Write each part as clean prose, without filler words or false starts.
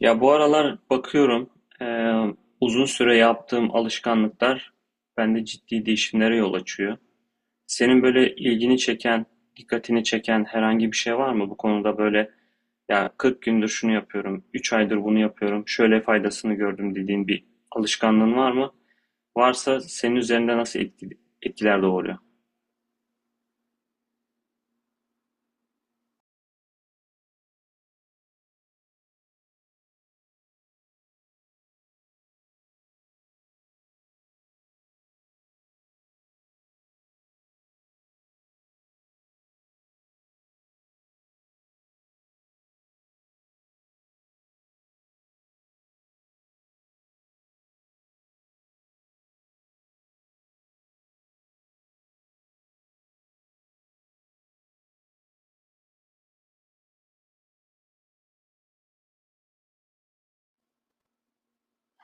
Ya bu aralar bakıyorum, eee, uzun süre yaptığım alışkanlıklar bende ciddi değişimlere yol açıyor. Senin böyle ilgini çeken, dikkatini çeken herhangi bir şey var mı bu konuda? Böyle, ya 40 gündür şunu yapıyorum, 3 aydır bunu yapıyorum, şöyle faydasını gördüm dediğin bir alışkanlığın var mı? Varsa senin üzerinde nasıl etkiler doğuruyor?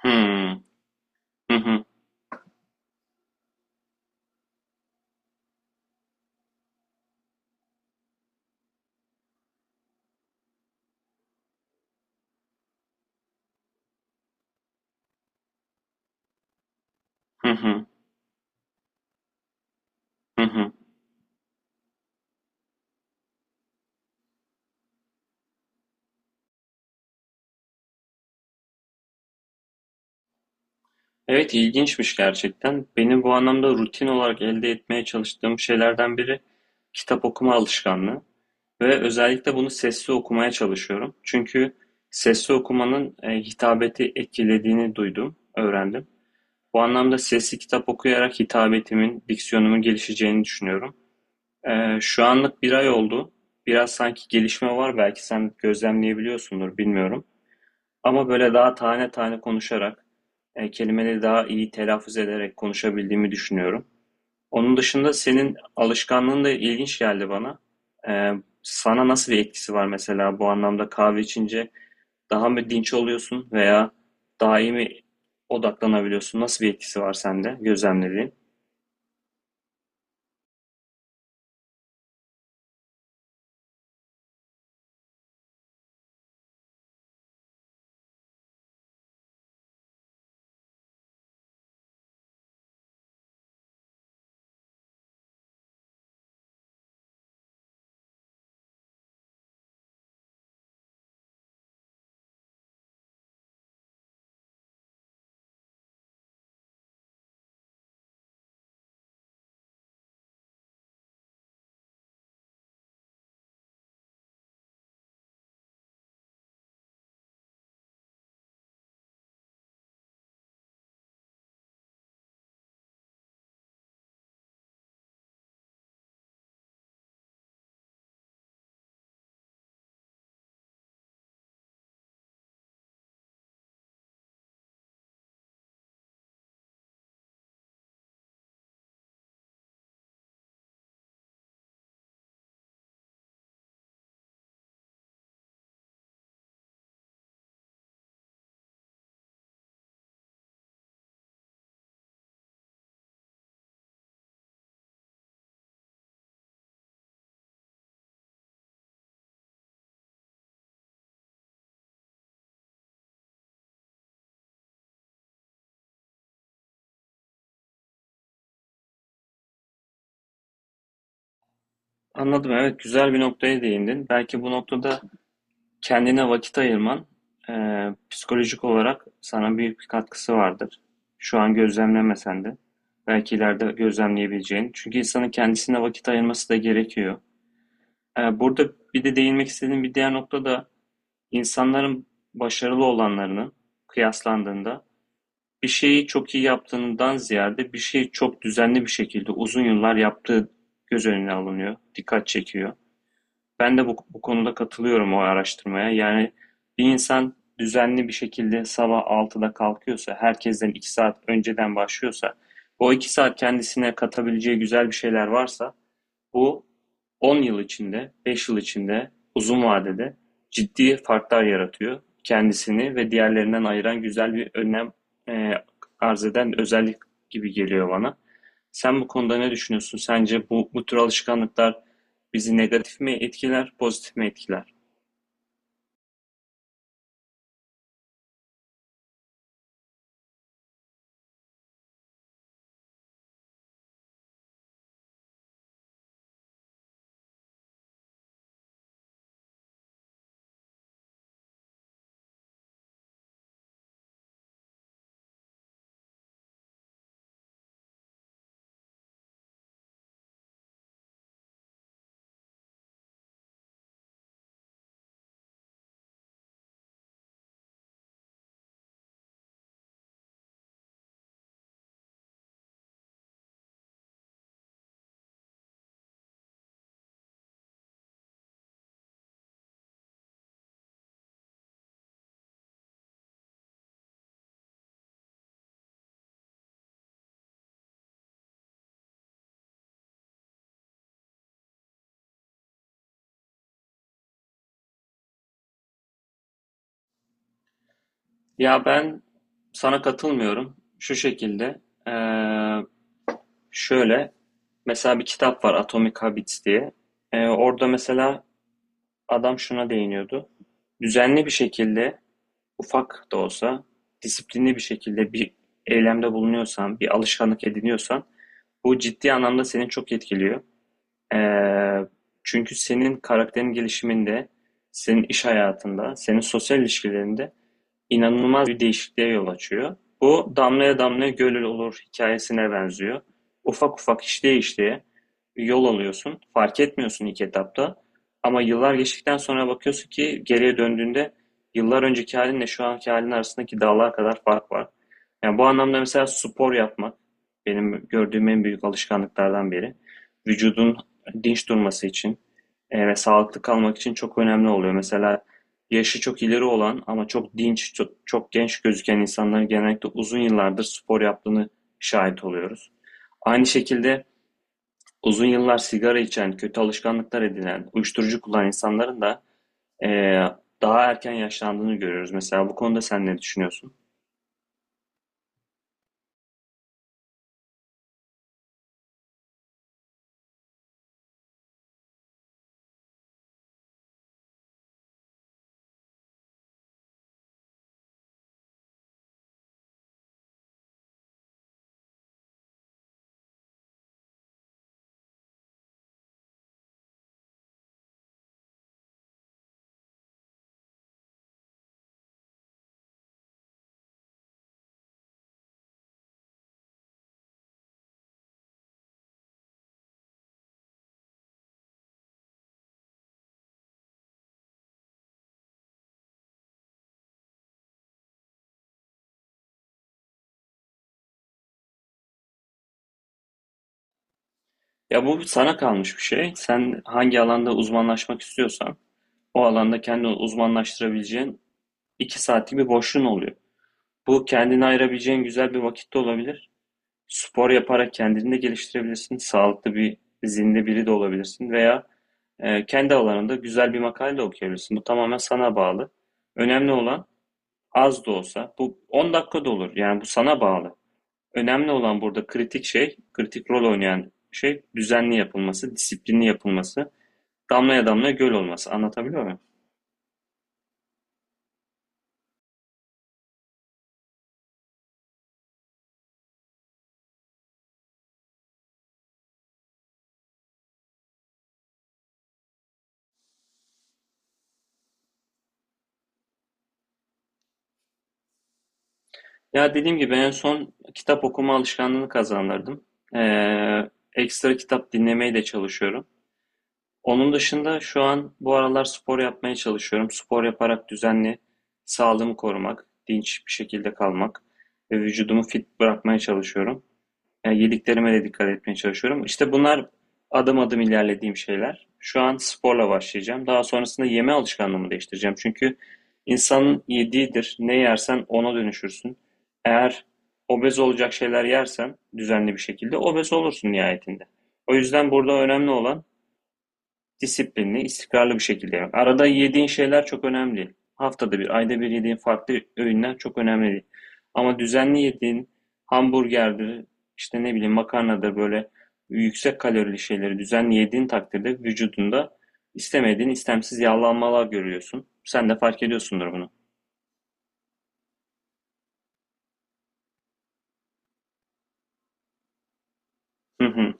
Hmm. Hı hı. Hı hı. Hı hı. Evet, ilginçmiş gerçekten. Benim bu anlamda rutin olarak elde etmeye çalıştığım şeylerden biri kitap okuma alışkanlığı ve özellikle bunu sesli okumaya çalışıyorum. Çünkü sesli okumanın hitabeti etkilediğini duydum, öğrendim. Bu anlamda sesli kitap okuyarak hitabetimin, diksiyonumun gelişeceğini düşünüyorum. Şu anlık bir ay oldu. Biraz sanki gelişme var, belki sen gözlemleyebiliyorsundur, bilmiyorum. Ama böyle daha tane tane konuşarak, kelimeleri daha iyi telaffuz ederek konuşabildiğimi düşünüyorum. Onun dışında senin alışkanlığın da ilginç geldi bana. E, Sana nasıl bir etkisi var mesela bu anlamda? Kahve içince daha mı dinç oluyorsun veya daha iyi mi odaklanabiliyorsun? Nasıl bir etkisi var sende gözlemlediğin? Anladım, evet, güzel bir noktaya değindin. Belki bu noktada kendine vakit ayırman, psikolojik olarak sana büyük bir katkısı vardır. Şu an gözlemlemesen de belki ileride gözlemleyebileceğin. Çünkü insanın kendisine vakit ayırması da gerekiyor. Burada bir de değinmek istediğim bir diğer nokta da insanların başarılı olanlarının kıyaslandığında bir şeyi çok iyi yaptığından ziyade bir şeyi çok düzenli bir şekilde uzun yıllar yaptığı göz önüne alınıyor, dikkat çekiyor. Ben de bu konuda katılıyorum o araştırmaya. Yani bir insan düzenli bir şekilde sabah 6'da kalkıyorsa, herkesten 2 saat önceden başlıyorsa, o 2 saat kendisine katabileceği güzel bir şeyler varsa bu, 10 yıl içinde, 5 yıl içinde, uzun vadede ciddi farklar yaratıyor. Kendisini ve diğerlerinden ayıran güzel bir önlem e, arz eden özellik gibi geliyor bana. Sen bu konuda ne düşünüyorsun? Sence bu tür alışkanlıklar bizi negatif mi etkiler, pozitif mi etkiler? Ya ben sana katılmıyorum. Şu şekilde, e, şöyle, mesela bir kitap var, Atomic Habits diye. Orada mesela adam şuna değiniyordu: düzenli bir şekilde, ufak da olsa, disiplinli bir şekilde bir eylemde bulunuyorsan, bir alışkanlık ediniyorsan, bu ciddi anlamda seni çok etkiliyor. Ee, Çünkü senin karakterin gelişiminde, senin iş hayatında, senin sosyal ilişkilerinde inanılmaz bir değişikliğe yol açıyor. Bu damlaya damlaya göl olur hikayesine benziyor. Ufak ufak, işleye işleye yol alıyorsun. Fark etmiyorsun ilk etapta. Ama yıllar geçtikten sonra bakıyorsun ki, geriye döndüğünde yıllar önceki halinle şu anki halin arasındaki dağlar kadar fark var. Yani bu anlamda mesela spor yapmak benim gördüğüm en büyük alışkanlıklardan biri. Vücudun dinç durması için ve sağlıklı kalmak için çok önemli oluyor. Mesela yaşı çok ileri olan ama çok dinç, çok genç gözüken insanların genellikle uzun yıllardır spor yaptığını şahit oluyoruz. Aynı şekilde uzun yıllar sigara içen, kötü alışkanlıklar edinen, uyuşturucu kullanan insanların da eee, daha erken yaşlandığını görüyoruz. Mesela bu konuda sen ne düşünüyorsun? Ya bu sana kalmış bir şey. Sen hangi alanda uzmanlaşmak istiyorsan o alanda kendini uzmanlaştırabileceğin 2 saatlik bir boşluğun oluyor. Bu kendini ayırabileceğin güzel bir vakitte olabilir. Spor yaparak kendini de geliştirebilirsin. Sağlıklı bir, zinde biri de olabilirsin veya kendi alanında güzel bir makale de okuyabilirsin. Bu tamamen sana bağlı. Önemli olan az da olsa, bu 10 dakika da olur. Yani bu sana bağlı. Önemli olan, burada kritik şey, kritik rol oynayan şey düzenli yapılması, disiplinli yapılması, damlaya damlaya göl olması. Anlatabiliyor muyum? Ya dediğim gibi en son kitap okuma alışkanlığını kazandırdım. Ekstra kitap dinlemeye de çalışıyorum. Onun dışında şu an bu aralar spor yapmaya çalışıyorum. Spor yaparak düzenli sağlığımı korumak, dinç bir şekilde kalmak ve vücudumu fit bırakmaya çalışıyorum. Yani yediklerime de dikkat etmeye çalışıyorum. İşte bunlar adım adım ilerlediğim şeyler. Şu an sporla başlayacağım. Daha sonrasında yeme alışkanlığımı değiştireceğim. Çünkü insanın yediğidir. Ne yersen ona dönüşürsün. Eğer obez olacak şeyler yersen, düzenli bir şekilde obez olursun nihayetinde. O yüzden burada önemli olan disiplinli, istikrarlı bir şekilde yemek. Arada yediğin şeyler çok önemli Haftada bir, ayda bir yediğin farklı öğünler çok önemli değil. Ama düzenli yediğin hamburgerdir, işte ne bileyim makarnadır, böyle yüksek kalorili şeyleri düzenli yediğin takdirde vücudunda istemediğin, istemsiz yağlanmalar görüyorsun. Sen de fark ediyorsundur bunu. Hı hı,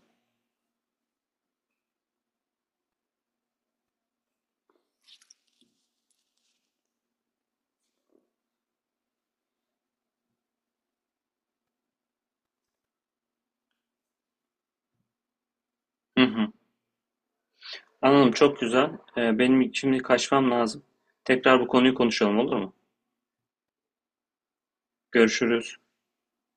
hı hı. Anladım, çok güzel. Benim şimdi kaçmam lazım. Tekrar bu konuyu konuşalım, olur mu? Görüşürüz.